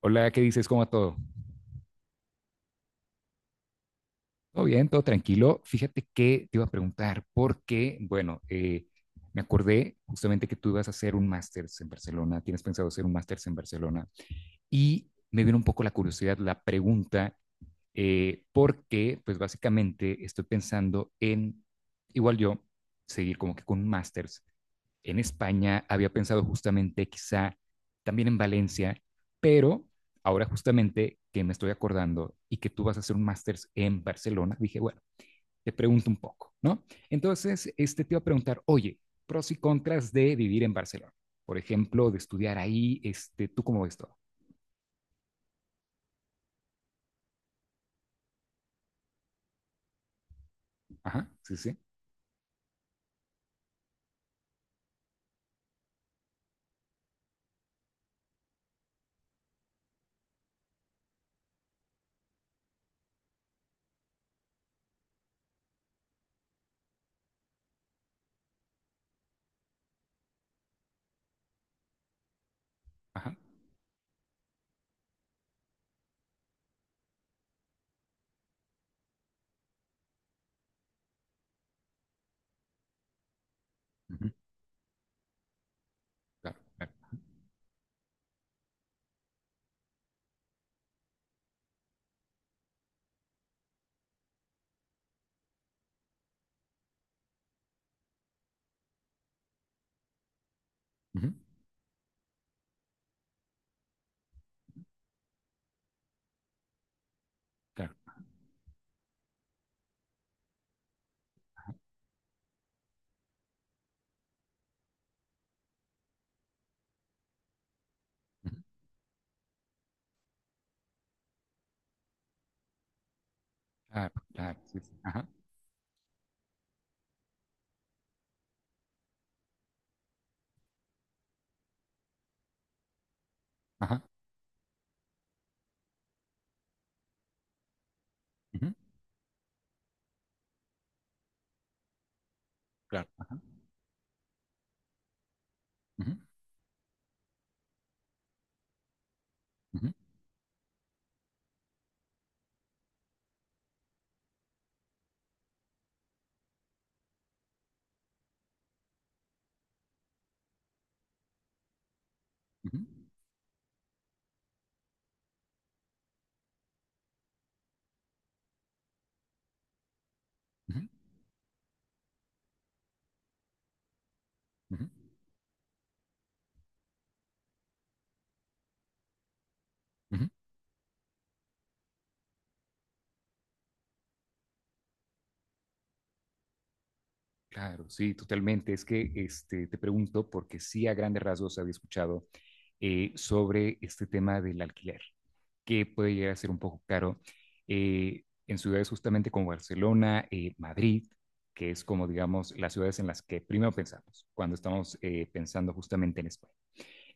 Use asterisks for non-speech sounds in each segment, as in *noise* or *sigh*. Hola, ¿qué dices? ¿Cómo va todo? Todo bien, todo tranquilo. Fíjate que te iba a preguntar porque, bueno, me acordé justamente que tú ibas a hacer un máster en Barcelona, tienes pensado hacer un máster en Barcelona y me vino un poco la curiosidad, la pregunta, porque pues básicamente estoy pensando en, igual yo, seguir como que con un máster en España, había pensado justamente quizá también en Valencia, pero ahora justamente que me estoy acordando y que tú vas a hacer un máster en Barcelona, dije, bueno, te pregunto un poco, ¿no? Entonces, este te iba a preguntar, oye, pros y contras de vivir en Barcelona, por ejemplo, de estudiar ahí, este, ¿tú cómo ves todo? Ajá, sí, sí, ajá, ujú, claro, claro, ujú, claro, ujú, claro, claro, sí, sí, ajá, ajá, ujú, claro, ujú, ujú, ujú, ujú, ujú, ujú. Claro, sí, totalmente. Es que este, te pregunto porque sí a grandes rasgos había escuchado sobre este tema del alquiler, que puede llegar a ser un poco caro en ciudades justamente como Barcelona, Madrid, que es como digamos las ciudades en las que primero pensamos cuando estamos pensando justamente en España.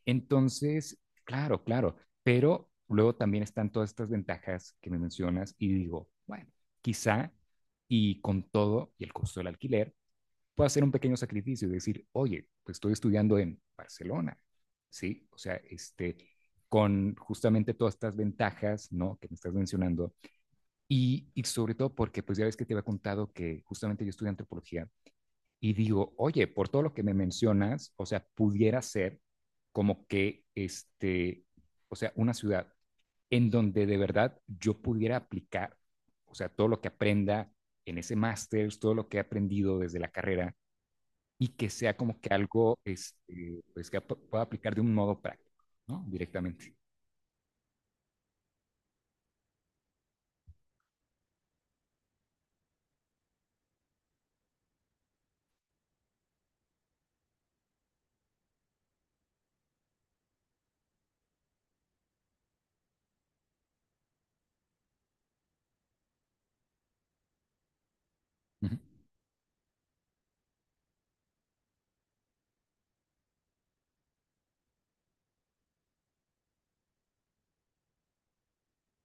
Entonces, claro, claro, pero luego también están todas estas ventajas que me mencionas y digo, bueno, quizá y con todo y el costo del alquiler puedo hacer un pequeño sacrificio y decir, oye, pues estoy estudiando en Barcelona, ¿sí? O sea, este, con justamente todas estas ventajas, ¿no? Que me estás mencionando. Sobre todo porque, pues ya ves que te había contado que justamente yo estudié antropología y digo, oye, por todo lo que me mencionas, o sea, pudiera ser como que, este, o sea, una ciudad en donde de verdad yo pudiera aplicar, o sea, todo lo que aprenda en ese máster, todo lo que he aprendido desde la carrera, y que sea como que algo este, pues que pueda aplicar de un modo práctico, ¿no? Directamente. Ujú,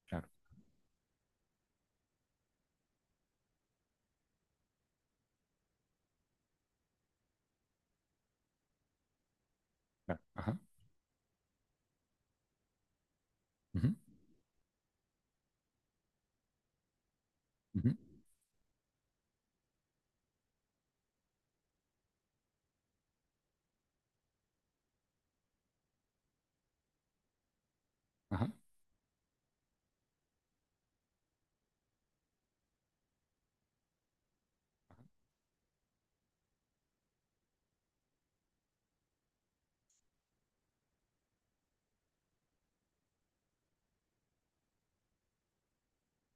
claro, claro. Ajá. Ujú, ujú, ajá,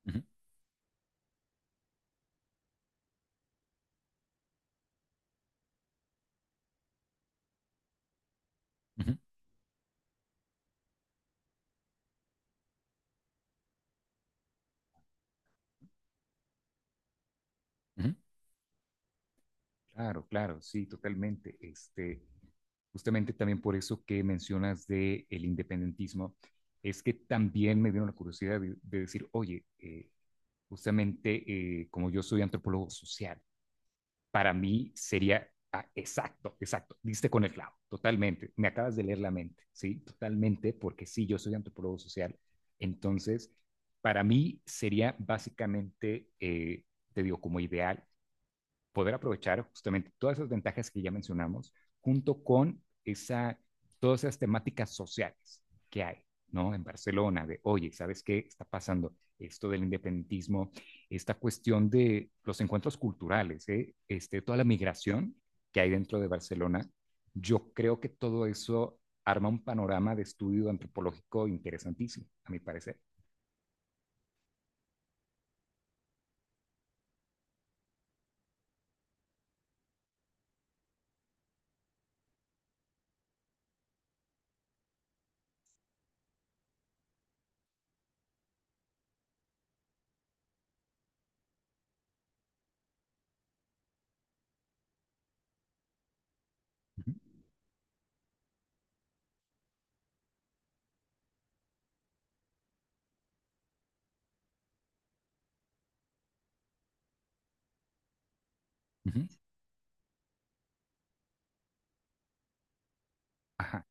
ujú, ujú, ujú. Claro, claro, sí, totalmente. Este, justamente también por eso que mencionas de el independentismo, es que también me vino la curiosidad de decir, oye, justamente como yo soy antropólogo social, para mí sería exacto, exacto, diste con el clavo, totalmente, me acabas de leer la mente, ¿sí? Totalmente, porque sí, yo soy antropólogo social, entonces, para mí sería básicamente, te digo, como ideal, poder aprovechar justamente todas esas ventajas que ya mencionamos, junto con esa, todas esas temáticas sociales que hay, ¿no? En Barcelona, de, oye, ¿sabes qué está pasando? Esto del independentismo, esta cuestión de los encuentros culturales, ¿eh? Este, toda la migración que hay dentro de Barcelona, yo creo que todo eso arma un panorama de estudio antropológico interesantísimo, a mi parecer. Uh -huh, uh -huh, ajá,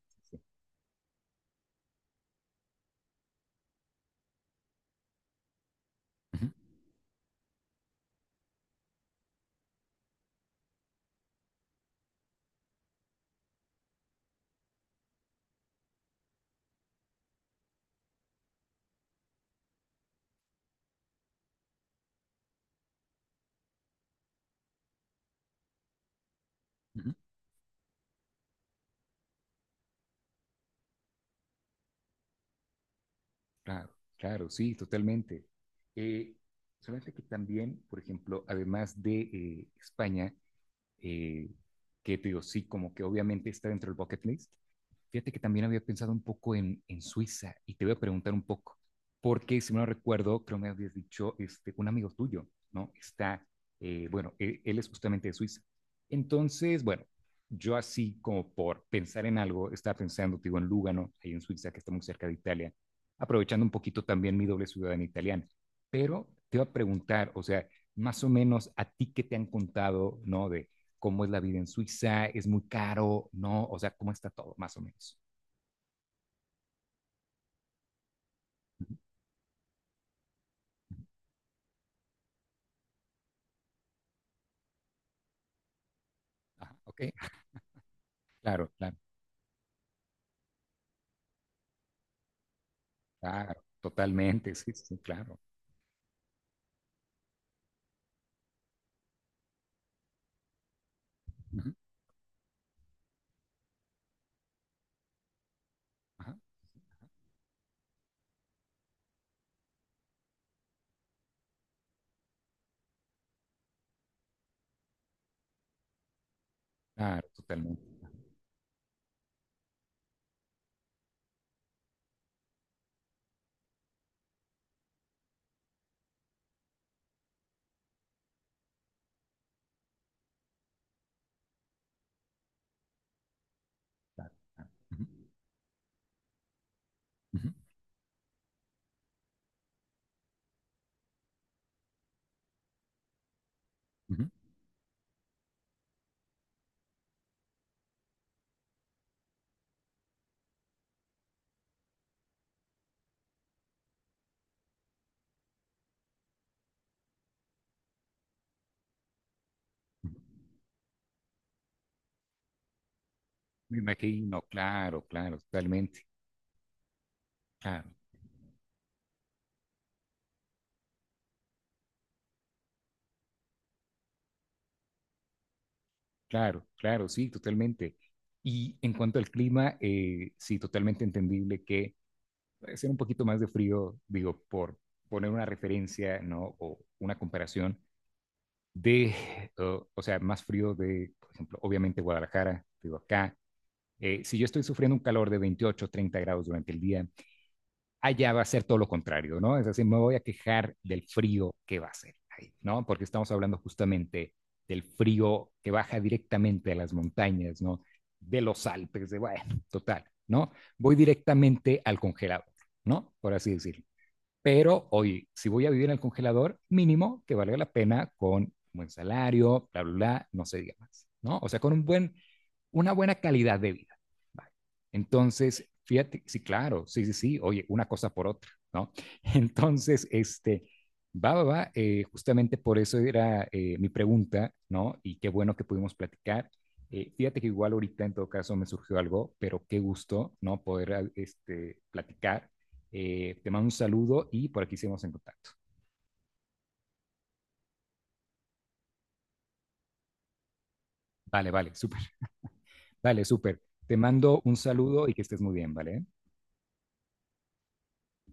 uh -huh, Claro, claro, sí, totalmente. Eh, Solamente que también, por ejemplo, además de España, eh, que te digo, sí, como que obviamente está dentro del bucket list. Fíjate que también había pensado un poco en Suiza y te voy a preguntar un poco, porque si no recuerdo, creo me habías dicho este, un amigo tuyo, ¿no? Está, bueno, él es justamente de Suiza. Entonces, bueno, yo así como por pensar en algo, estaba pensando, te digo, en Lugano, ahí en Suiza, que está muy cerca de Italia, aprovechando un poquito también mi doble ciudadanía italiana. Pero te iba a preguntar, o sea, más o menos a ti qué te han contado, ¿no? De, cómo es la vida en Suiza, es muy caro, ¿no? O sea, cómo está todo, más o menos. Ajá, ¿ok? Claro, claro, claro, totalmente, sí, sí, sí, claro. Ujú, ajá, claro, totalmente. Ujú, ujú, ujú. Me imagino, claro, claro, totalmente. Claro, claro, claro, sí, totalmente. Y en cuanto al clima, sí, totalmente entendible que puede ser un poquito más de frío, digo, por poner una referencia, ¿no? O una comparación de, o sea, más frío de, por ejemplo, obviamente Guadalajara, digo acá. Si yo estoy sufriendo un calor de 28, 30 grados durante el día, allá va a ser todo lo contrario, ¿no? Es decir, me voy a quejar del frío que va a ser ahí, ¿no? Porque estamos hablando justamente del frío que baja directamente a las montañas, ¿no? De los Alpes, de, bueno, total, ¿no? Voy directamente al congelador, ¿no? Por así decirlo. Pero hoy, si voy a vivir en el congelador, mínimo que valga la pena con un buen salario, bla, bla, bla, no se diga más, ¿no? O sea, con un buen, una buena calidad de vida. Vale. Entonces, fíjate, sí, claro, sí, sí, sí, oye, una cosa por otra, ¿no? *laughs* Entonces, este, va, va, va, justamente por eso era mi pregunta, ¿no? Y qué bueno que pudimos platicar. Fíjate que igual ahorita en todo caso me surgió algo, pero qué gusto, ¿no? Poder este, platicar te mando un saludo y por aquí seguimos en contacto. Vale, vale, súper. Vale, súper. Te mando un saludo y que estés muy bien, ¿vale?